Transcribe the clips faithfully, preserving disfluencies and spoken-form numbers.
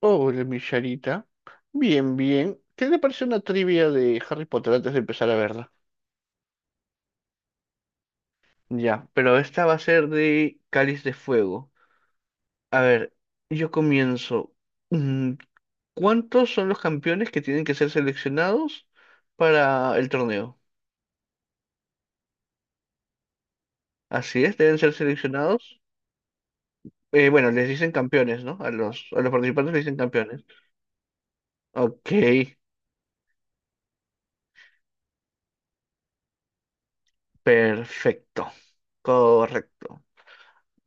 Hola, mi Charita. Bien, bien. ¿Qué te parece una trivia de Harry Potter antes de empezar a verla? Ya, pero esta va a ser de Cáliz de Fuego. A ver, yo comienzo. Mm, ¿Cuántos son los campeones que tienen que ser seleccionados para el torneo? Así es, deben ser seleccionados. Eh, bueno, les dicen campeones, ¿no? A los, a los participantes les dicen campeones. Ok, perfecto. Correcto.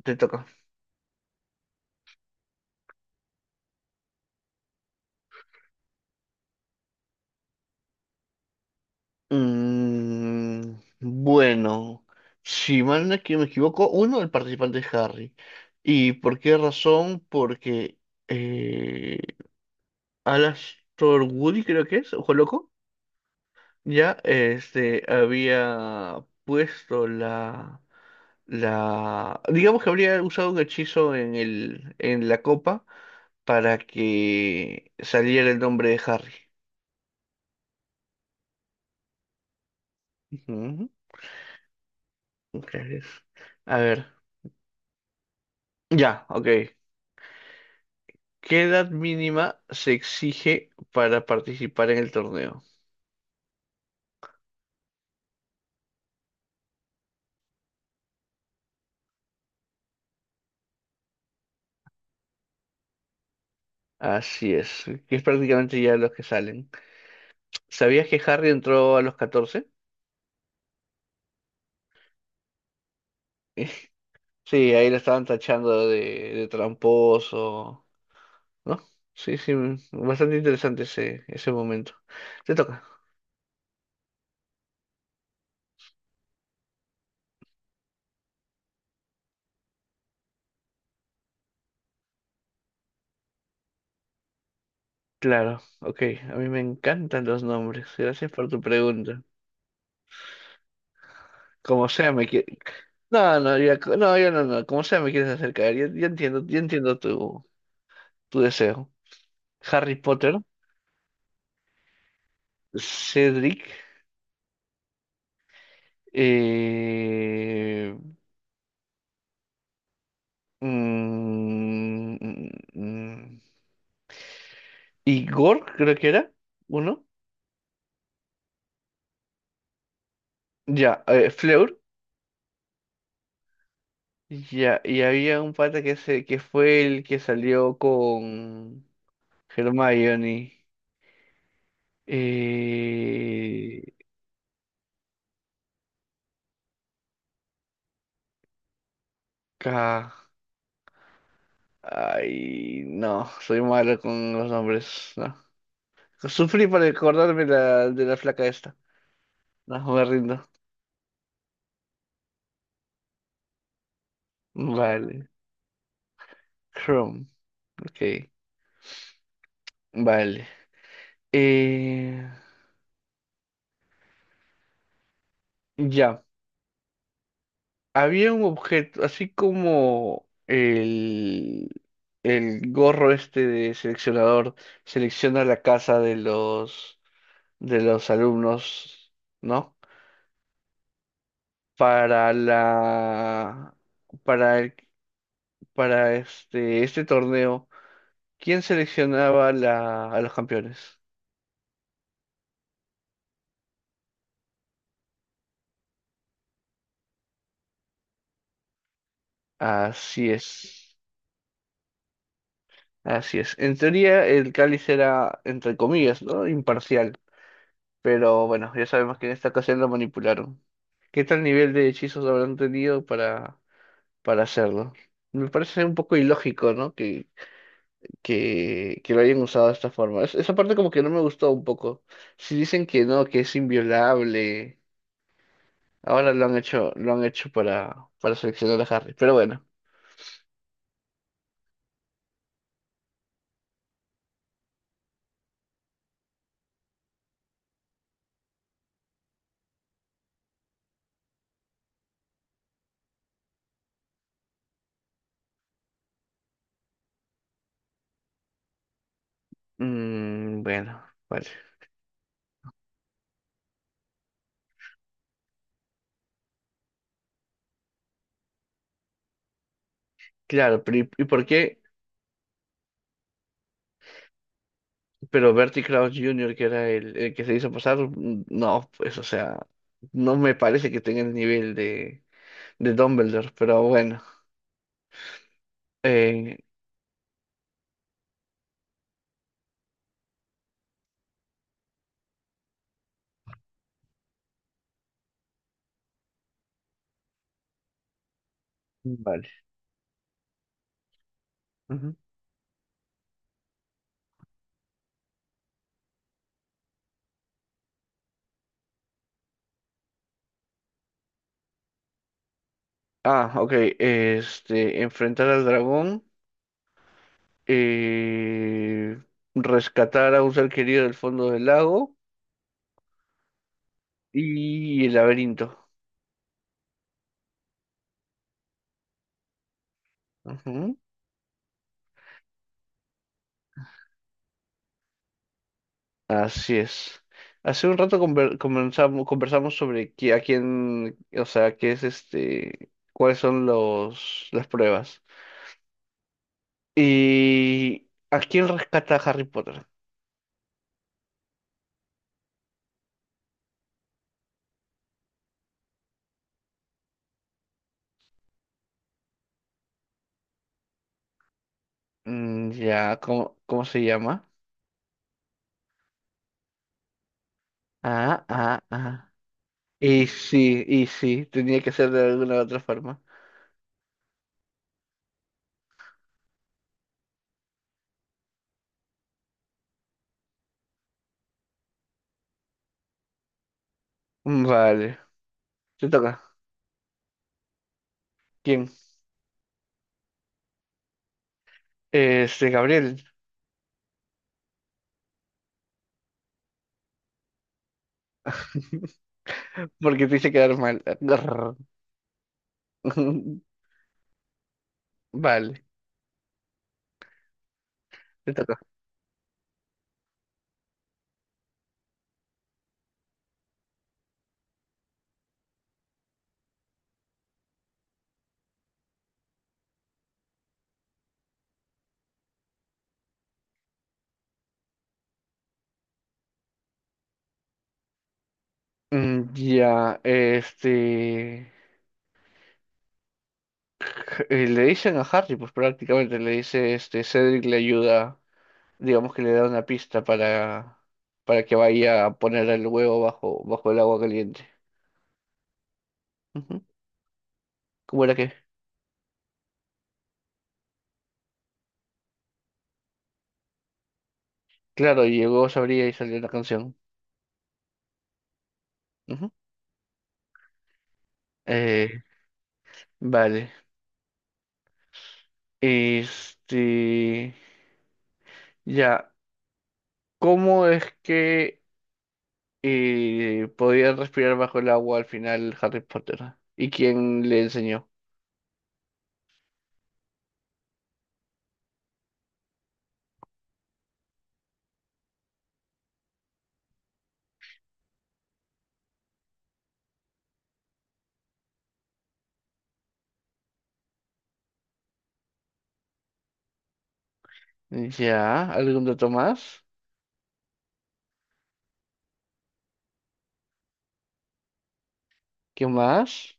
Te toca. Mm, bueno, si mal no es que me equivoco, uno, el participante es Harry. ¿Y por qué razón? Porque eh, Alastor Woody, creo que es, ojo loco, ya este, había puesto la, la... Digamos que habría usado un hechizo en el, en la copa para que saliera el nombre de Harry. Ujú, claro es. A ver, ya, ok. ¿Qué edad mínima se exige para participar en el torneo? Así es, que es prácticamente ya los que salen. ¿Sabías que Harry entró a los catorce? Sí, ahí lo estaban tachando de, de tramposo, ¿no? Sí, sí, mm, bastante interesante ese, ese momento. Te toca. Claro, ok, a mí me encantan los nombres. Gracias por tu pregunta. Como sea, me quieres... No, no, ya, no, yo no, no, como sea, me quieres acercar. Yo, yo entiendo, yo entiendo tu, tu deseo. Harry Potter, Cedric, eh, mm, mm, mm, Igor, creo que era, uno, ya, eh, Fleur, ya, y había un pata que, se, que fue el que salió con Hermione, eh, K, ay, no, soy malo con los nombres, no. Sufrí para acordarme la, de la flaca esta, no, me rindo, vale, Chrome. Ok, vale. Eh, ya, había un objeto, así como el, el gorro este de seleccionador selecciona la casa de los, de los alumnos, ¿no? Para la, para el- para este, este torneo, ¿quién seleccionaba la- a los campeones? Así es, así es. En teoría, el cáliz era, entre comillas, ¿no? Imparcial. Pero bueno, ya sabemos que en esta ocasión lo manipularon. ¿Qué tal nivel de hechizos habrán tenido para, para hacerlo? Me parece un poco ilógico, ¿no? Que, que, que lo hayan usado de esta forma. Es- esa parte como que no me gustó un poco. Si dicen que no, que es inviolable, ahora lo han hecho, lo han hecho para, para seleccionar a Harry. Pero bueno. Mm, bueno, vale. Claro, pero ¿y, y por qué? Pero Bertie Krause junior, que era el, el que se hizo pasar, mm, no, pues, o sea, no me parece que tenga el nivel de, de Dumbledore, pero bueno. Eh, vale. Ujú. Ah, ok. Este, enfrentar al dragón, eh, rescatar a un ser querido del fondo del lago y el laberinto. Así es. Hace un rato conver- comenzamos, conversamos sobre qui- a quién, o sea, qué es este, cuáles son los, las pruebas. ¿Y a quién rescata Harry Potter? Mm, ya, ¿cómo, cómo se llama? Ah, ah, ah. Y sí, y sí, tenía que ser de alguna u otra forma. Mm, vale, te toca. ¿Quién? Este, Gabriel. Porque te hice quedar mal. Vale, te toca. Mm, ya, este, eh, le dicen a Harry, pues prácticamente le dice, este, Cedric le ayuda, digamos que le da una pista para, para que vaya a poner el huevo bajo, bajo el agua caliente. Ujú. ¿Cómo era que? Claro, llegó, sabría y salió la canción. Ujú. Eh, vale, este, ya, ¿cómo es que eh, podía respirar bajo el agua al final Harry Potter? ¿Y quién le enseñó? Ya, ¿algún dato más? ¿Qué más?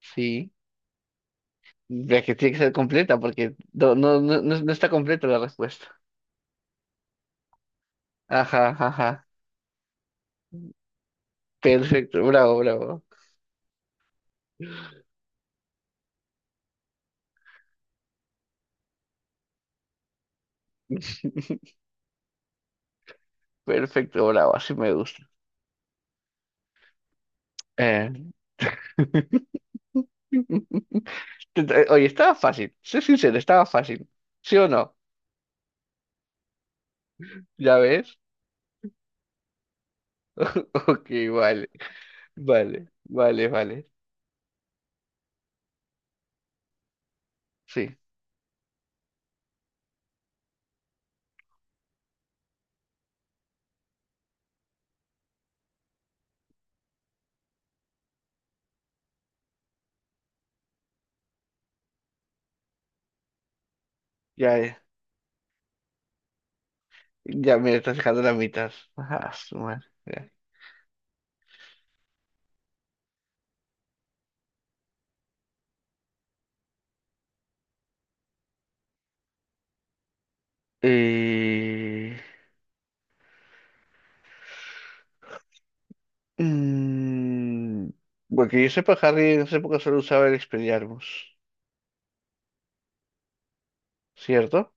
Sí, ya que tiene que ser completa porque no, no, no, no- no está completa la respuesta. Ajá, ajá, perfecto, bravo, bravo. Perfecto, bravo, así me gusta. Eh. Te- te- Oye, estaba fácil, soy sincero, estaba fácil. ¿Sí o no? ¿Ya ves? Ok, vale, vale, vale, vale. Sí, ya, ya ya me estás dejando la mitad. Ajá, su madre, ya. Eh, mm, bueno, que yo sepa, Harry en esa época solo usaba el Expelliarmus, ¿cierto?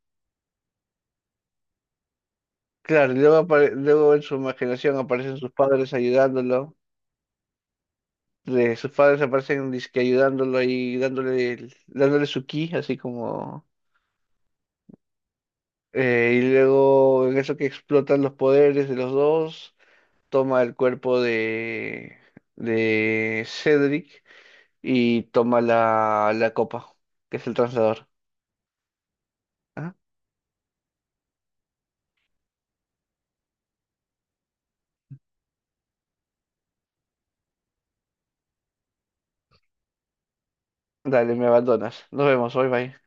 Claro, y luego, apare- luego en su imaginación aparecen sus padres ayudándolo. De sus padres aparecen dizque ayudándolo y dándole, el- dándole su ki, así como... Eh, y luego en eso que explotan los poderes de los dos, toma el cuerpo de, de Cedric y toma la, la copa, que es el translador. ¿Ah? Dale, me abandonas. Nos vemos, bye bye.